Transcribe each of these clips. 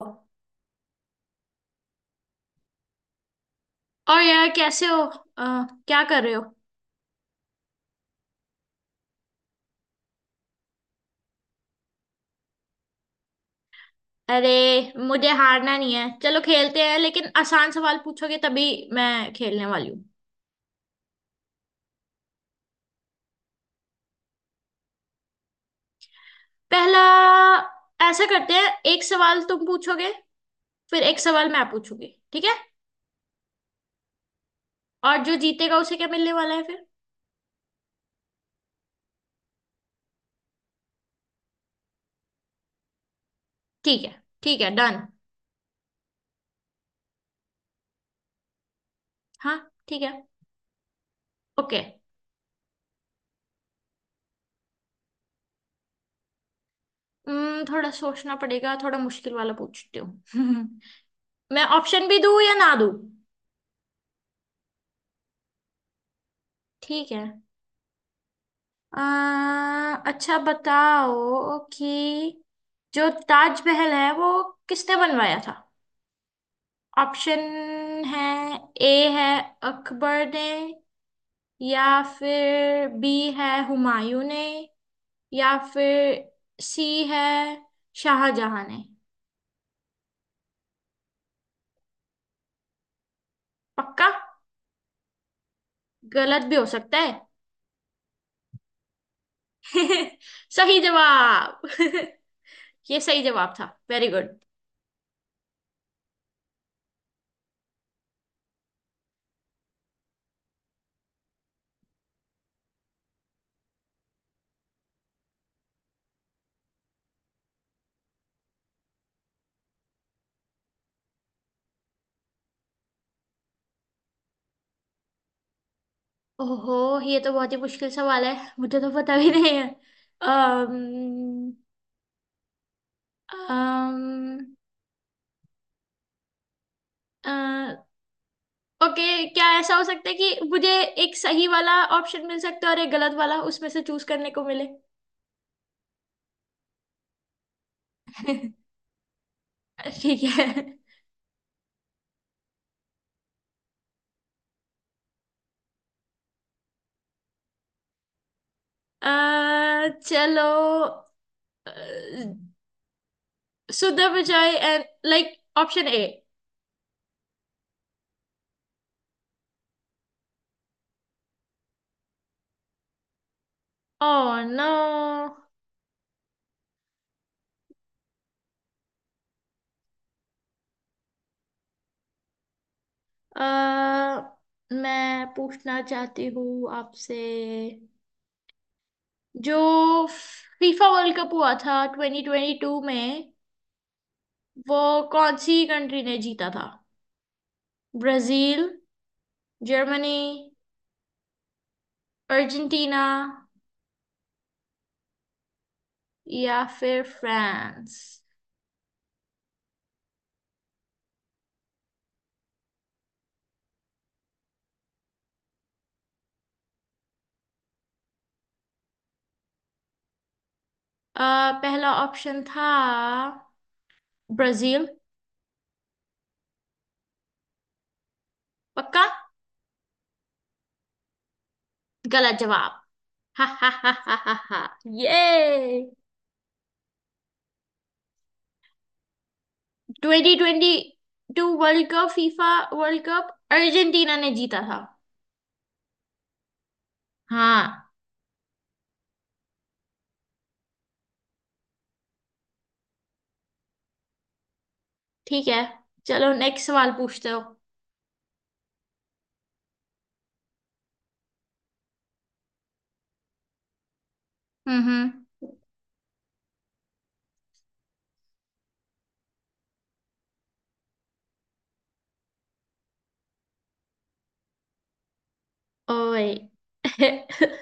और यार कैसे हो। अ, क्या कर रहे हो? अरे, मुझे हारना नहीं है, चलो खेलते हैं लेकिन आसान सवाल पूछोगे तभी मैं खेलने वाली हूँ। पहला, ऐसा करते हैं, एक सवाल तुम पूछोगे, फिर एक सवाल मैं पूछूंगी, ठीक है? और जो जीतेगा उसे क्या मिलने वाला है फिर? ठीक है। ठीक है, डन। हाँ। ठीक है। ओके। थोड़ा सोचना पड़ेगा, थोड़ा मुश्किल वाला पूछती हूँ। मैं ऑप्शन भी दूँ या ना दूँ? ठीक है। अच्छा बताओ कि जो ताजमहल है वो किसने बनवाया था? ऑप्शन है: ए है अकबर ने, या फिर बी है हुमायूं ने, या फिर सी है शाहजहां ने। पक्का? गलत भी हो सकता है। सही जवाब। ये सही जवाब था। Very good. ओहो, ये तो बहुत ही मुश्किल सवाल है। मुझे तो पता भी नहीं है। अम्म अम्म ओके। क्या ऐसा हो सकता है कि मुझे एक सही वाला ऑप्शन मिल सकता है और एक गलत वाला, उसमें से चूज करने को मिले? ठीक है। चलो, Sudha Vijay and, like option A. Oh no. मैं पूछना चाहती हूँ आपसे, जो फीफा वर्ल्ड कप हुआ था 2022 में, वो कौन सी कंट्री ने जीता था? ब्राजील, जर्मनी, अर्जेंटीना या फिर फ्रांस। अ, पहला ऑप्शन था ब्राजील। पक्का। गलत जवाब। हा हा हा हा हा हा। ये 2022 world cup, FIFA world cup Argentina ने जीता था। हाँ। ठीक है। चलो नेक्स्ट सवाल पूछते हो। हम्म। ओए।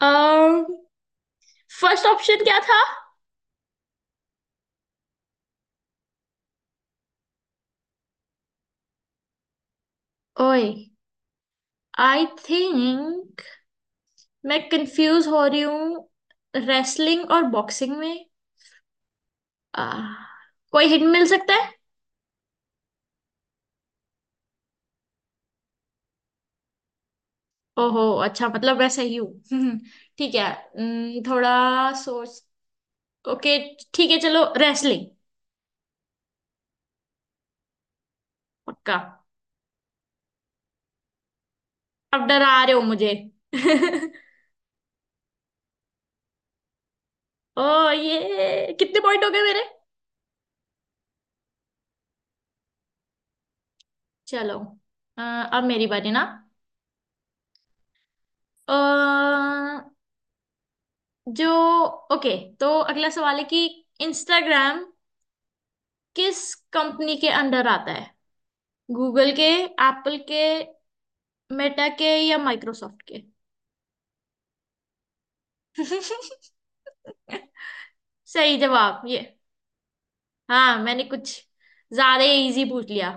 um फर्स्ट ऑप्शन क्या था? ओए। आई थिंक मैं कंफ्यूज हो रही हूँ रेसलिंग और बॉक्सिंग में। आह, कोई हिंट मिल सकता है? ओहो, अच्छा, मतलब मैं सही हूँ। ठीक है। थोड़ा सोच। ओके। ठीक है। चलो, रेसलिंग। पक्का। अब डरा रहे हो मुझे। ओ। ये कितने पॉइंट हो गए मेरे? चलो, अ, अब मेरी बारी ना। अ, जो ओके, तो अगला सवाल है कि इंस्टाग्राम किस कंपनी के अंडर आता है? गूगल के, एप्पल के, मेटा के, या माइक्रोसॉफ्ट के? सही जवाब ये। हाँ, मैंने कुछ ज्यादा इजी पूछ लिया।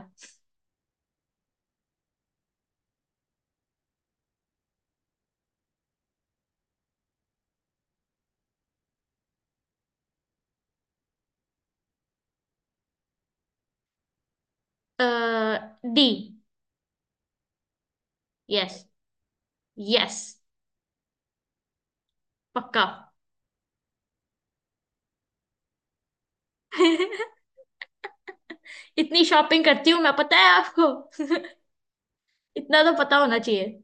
डी। यस। यस। पक्का। इतनी शॉपिंग करती हूँ मैं, पता है आपको। इतना तो पता होना चाहिए।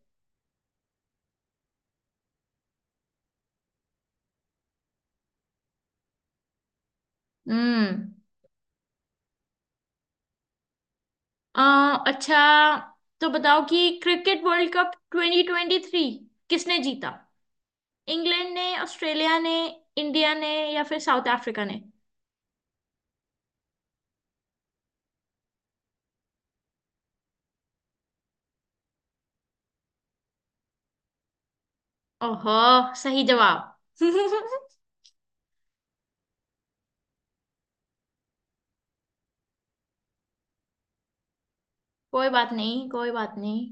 हम्म। अ, अच्छा, तो बताओ कि क्रिकेट वर्ल्ड कप 2023 किसने जीता? इंग्लैंड ने, ऑस्ट्रेलिया ने, इंडिया ने या फिर साउथ अफ्रीका ने? ओहो। सही जवाब। कोई बात नहीं, कोई बात नहीं।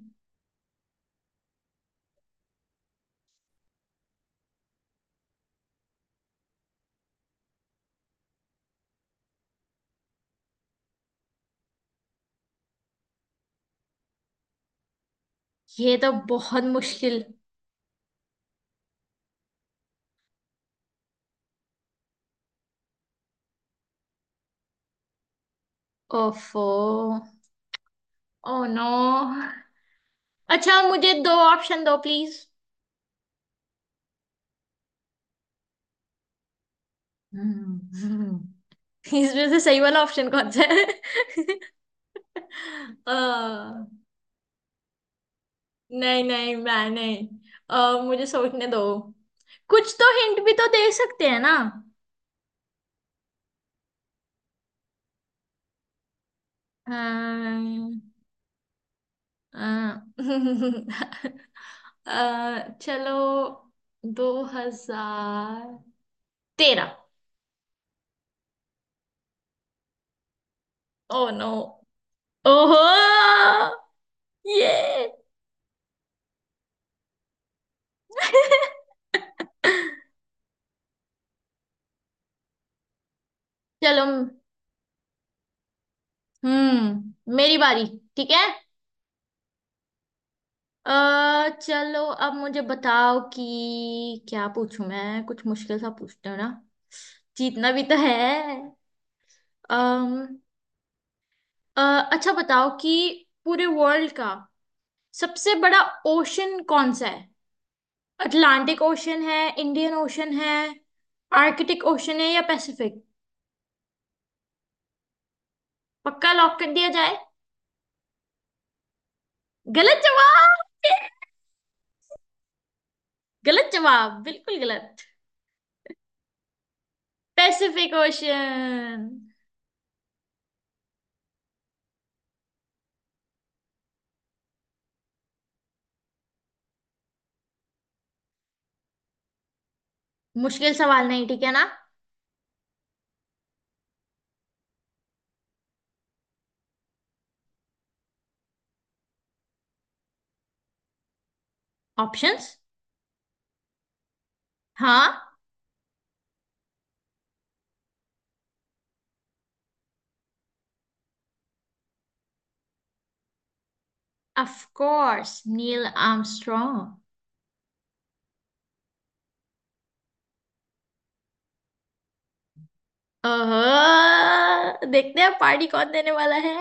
ये तो बहुत मुश्किल। ओफो। ओ नो। अच्छा, मुझे दो ऑप्शन दो प्लीज। हम्म, हम्म। इसमें से सही वाला ऑप्शन कौन सा है? अ, नहीं नहीं, मैं नहीं। मुझे सोचने दो। कुछ तो हिंट भी तो दे सकते हैं ना। अम्म, अ, चलो, 2013। Oh no. ओहो। ये। चलो। मेरी बारी। ठीक है। अ चलो, अब मुझे बताओ कि क्या पूछूं मैं? कुछ मुश्किल सा पूछते हो ना, जीतना भी तो है। अम, अ, अच्छा बताओ कि पूरे वर्ल्ड का सबसे बड़ा ओशन कौन सा है? अटलांटिक ओशन है, इंडियन ओशन है, आर्कटिक ओशन है या पैसिफिक? पक्का? लॉक कर दिया जाए। गलत जवाब। गलत जवाब, बिल्कुल गलत। Pacific ocean. मुश्किल सवाल नहीं, ठीक है ना? ऑप्शंस? हाँ। Of course, Neil Armstrong. Oh. देखते हैं पार्टी कौन देने वाला है।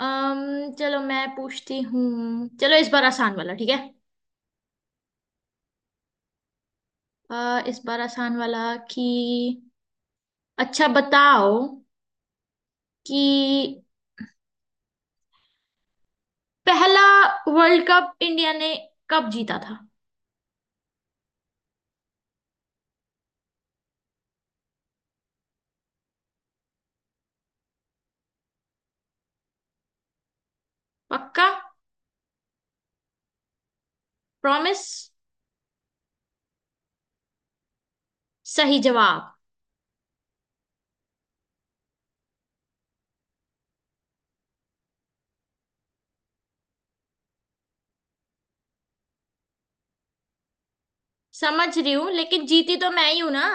चलो, मैं पूछती हूँ। चलो, इस बार आसान वाला, ठीक है? इस बार आसान वाला कि अच्छा बताओ कि पहला वर्ल्ड कप इंडिया ने कब जीता था? पक्का? प्रॉमिस। सही जवाब। समझ रही हूँ, लेकिन जीती तो मैं ही हूं ना।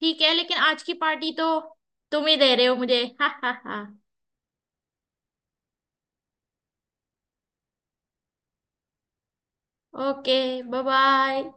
ठीक है, लेकिन आज की पार्टी तो तुम ही दे रहे हो मुझे। हा हा हा। ओके। Bye bye.